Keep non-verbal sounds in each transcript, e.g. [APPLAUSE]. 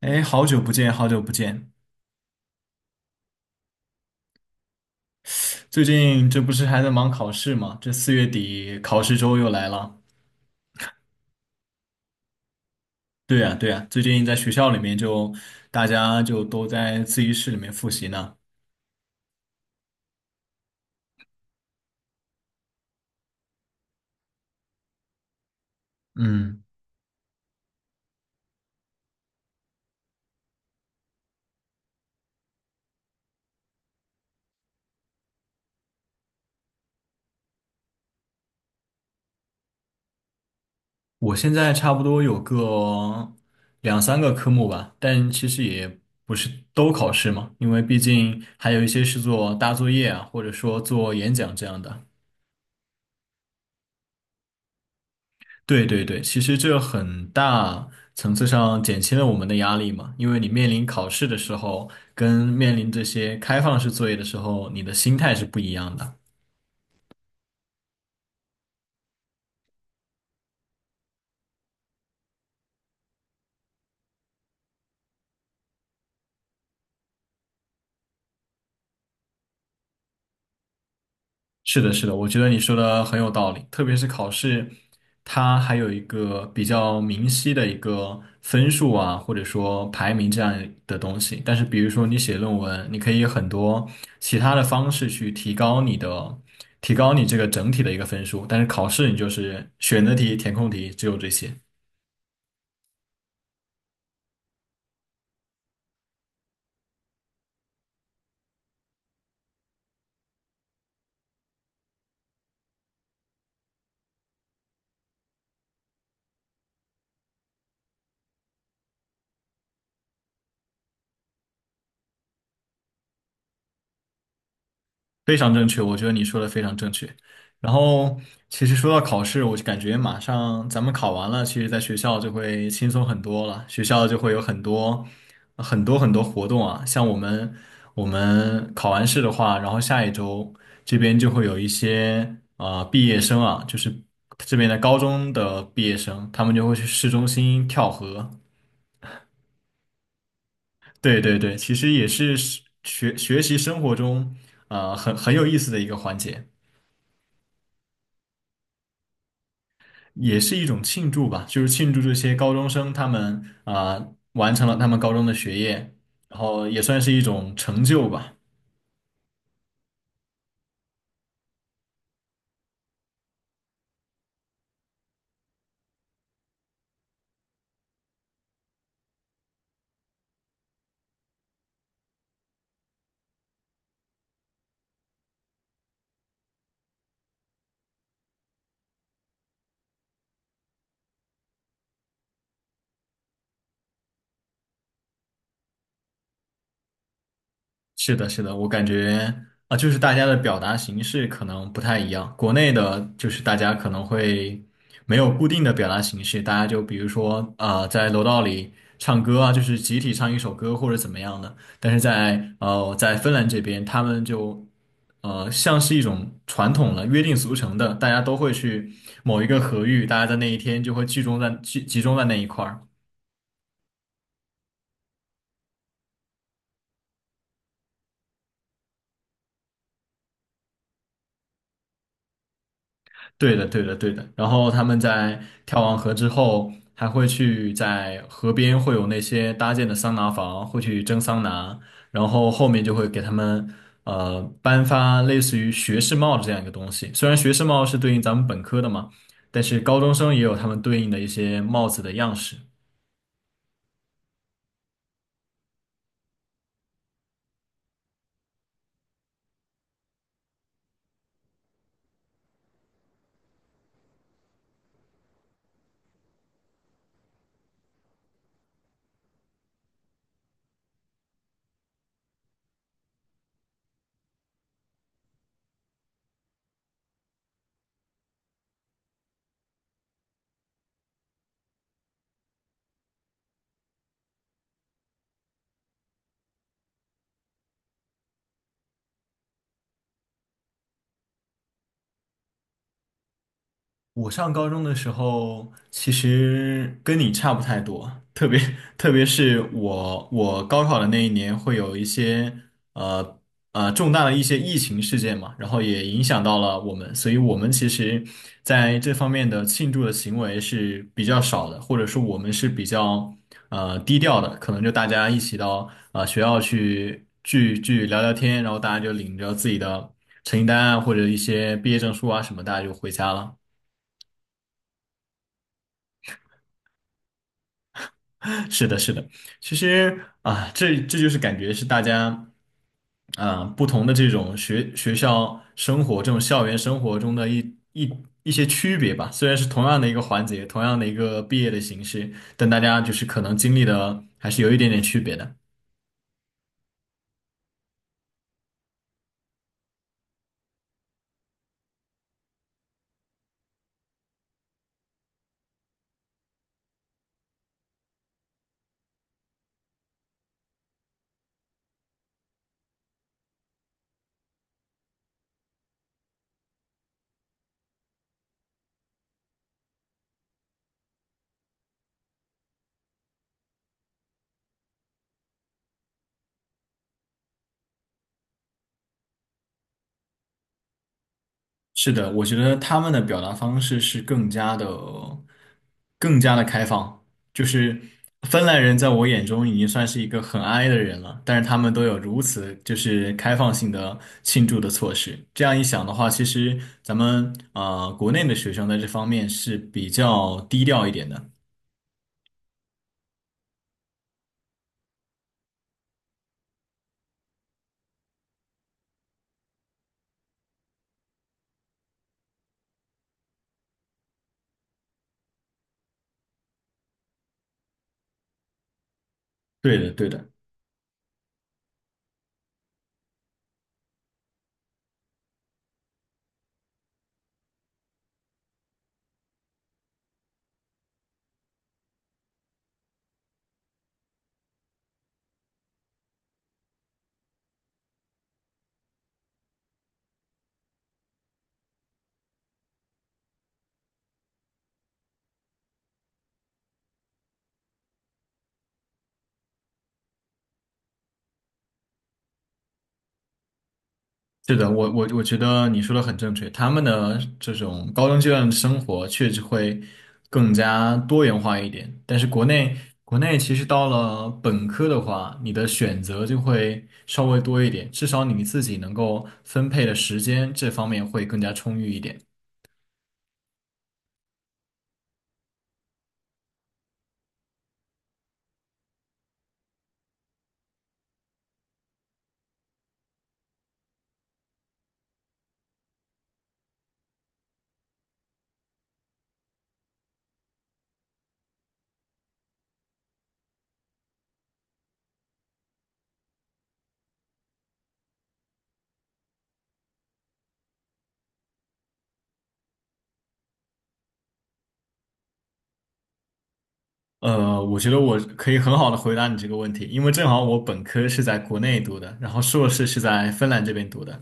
哎，好久不见，好久不见。最近这不是还在忙考试吗？这四月底考试周又来了。对呀，对呀，最近在学校里面就大家就都在自习室里面复习呢。嗯，我现在差不多有个两三个科目吧，但其实也不是都考试嘛，因为毕竟还有一些是做大作业啊，或者说做演讲这样的。对对对，其实这很大层次上减轻了我们的压力嘛，因为你面临考试的时候，跟面临这些开放式作业的时候，你的心态是不一样的。是的，是的，我觉得你说的很有道理，特别是考试，它还有一个比较明晰的一个分数啊，或者说排名这样的东西。但是，比如说你写论文，你可以有很多其他的方式去提高你的，提高你这个整体的一个分数。但是考试你就是选择题、填空题，只有这些。非常正确，我觉得你说的非常正确。然后，其实说到考试，我就感觉马上咱们考完了，其实在学校就会轻松很多了。学校就会有很多很多很多活动啊，像我们考完试的话，然后下一周这边就会有一些啊毕业生啊，就是这边的高中的毕业生，他们就会去市中心跳河。对对对，其实也是学习生活中啊很有意思的一个环节。也是一种庆祝吧，就是庆祝这些高中生他们啊、完成了他们高中的学业，然后也算是一种成就吧。是的，是的，我感觉啊，就是大家的表达形式可能不太一样。国内的，就是大家可能会没有固定的表达形式，大家就比如说，啊，在楼道里唱歌啊，就是集体唱一首歌或者怎么样的。但是在芬兰这边，他们就像是一种传统了，约定俗成的，大家都会去某一个合域，大家在那一天就会集中在那一块儿。对的，对的，对的。然后他们在跳完河之后，还会去在河边会有那些搭建的桑拿房，会去蒸桑拿，然后后面就会给他们颁发类似于学士帽的这样一个东西。虽然学士帽是对应咱们本科的嘛，但是高中生也有他们对应的一些帽子的样式。我上高中的时候，其实跟你差不太多，特别 [LAUGHS] 特别是我高考的那一年，会有一些呃重大的一些疫情事件嘛，然后也影响到了我们，所以我们其实在这方面的庆祝的行为是比较少的，或者说我们是比较低调的，可能就大家一起到学校去聚聚聊聊天，然后大家就领着自己的成绩单啊或者一些毕业证书啊什么，大家就回家了。[LAUGHS] 是的，是的，其实啊，这就是感觉是大家啊不同的这种学校生活、这种校园生活中的一些区别吧。虽然是同样的一个环节，同样的一个毕业的形式，但大家就是可能经历的还是有一点点区别的。是的，我觉得他们的表达方式是更加的、更加的开放。就是芬兰人在我眼中已经算是一个很 i 的人了，但是他们都有如此就是开放性的庆祝的措施。这样一想的话，其实咱们啊，国内的学生在这方面是比较低调一点的。对的，对的。是的，我觉得你说的很正确。他们的这种高中阶段的生活确实会更加多元化一点，但是国内其实到了本科的话，你的选择就会稍微多一点，至少你自己能够分配的时间这方面会更加充裕一点。我觉得我可以很好的回答你这个问题，因为正好我本科是在国内读的，然后硕士是在芬兰这边读的。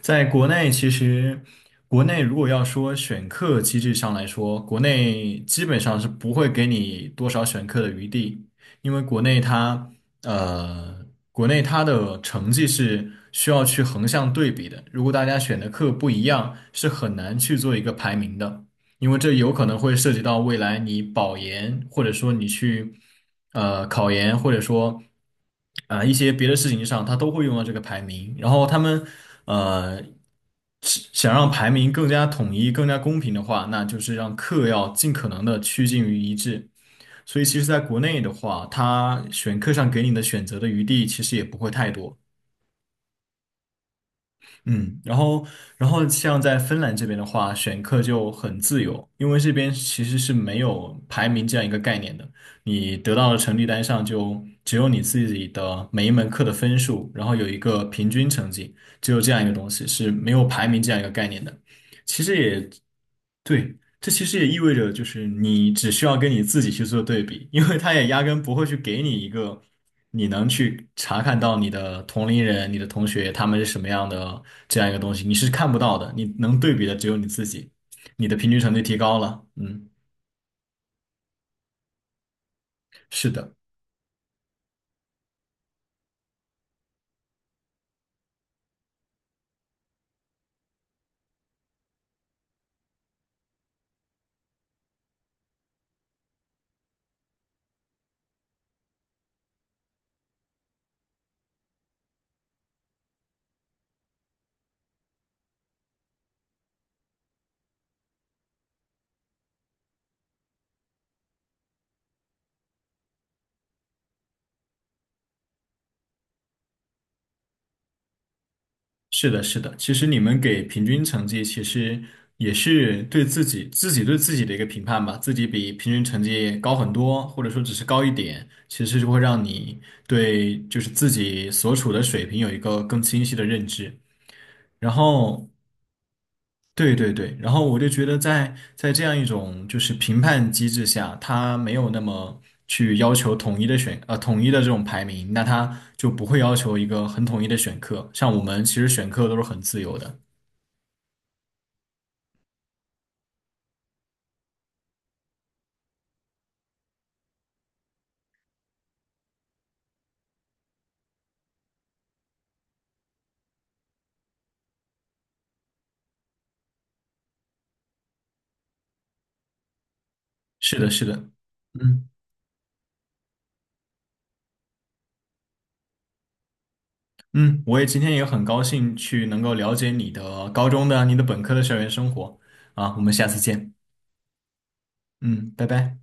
在国内，其实国内如果要说选课机制上来说，国内基本上是不会给你多少选课的余地，因为国内它的成绩是需要去横向对比的，如果大家选的课不一样，是很难去做一个排名的。因为这有可能会涉及到未来你保研，或者说你去考研，或者说一些别的事情上，他都会用到这个排名。然后他们呃是想让排名更加统一、更加公平的话，那就是让课要尽可能的趋近于一致。所以其实在国内的话，他选课上给你的选择的余地其实也不会太多。嗯，然后，像在芬兰这边的话，选课就很自由，因为这边其实是没有排名这样一个概念的。你得到的成绩单上就只有你自己的每一门课的分数，然后有一个平均成绩，只有这样一个东西，是没有排名这样一个概念的。其实也对，这其实也意味着，就是你只需要跟你自己去做对比，因为他也压根不会去给你一个你能去查看到你的同龄人、你的同学他们是什么样的这样一个东西，你是看不到的，你能对比的只有你自己，你的平均成绩提高了，嗯，是的。是的，是的，其实你们给平均成绩，其实也是对自己对自己的一个评判吧。自己比平均成绩高很多，或者说只是高一点，其实就会让你对就是自己所处的水平有一个更清晰的认知。然后，对对对，然后我就觉得在这样一种就是评判机制下，它没有那么去要求统一的这种排名，那他就不会要求一个很统一的选课。像我们其实选课都是很自由的。是的，是的，嗯嗯，我也今天也很高兴去能够了解你的高中的、你的本科的校园生活啊，我们下次见，嗯，拜拜。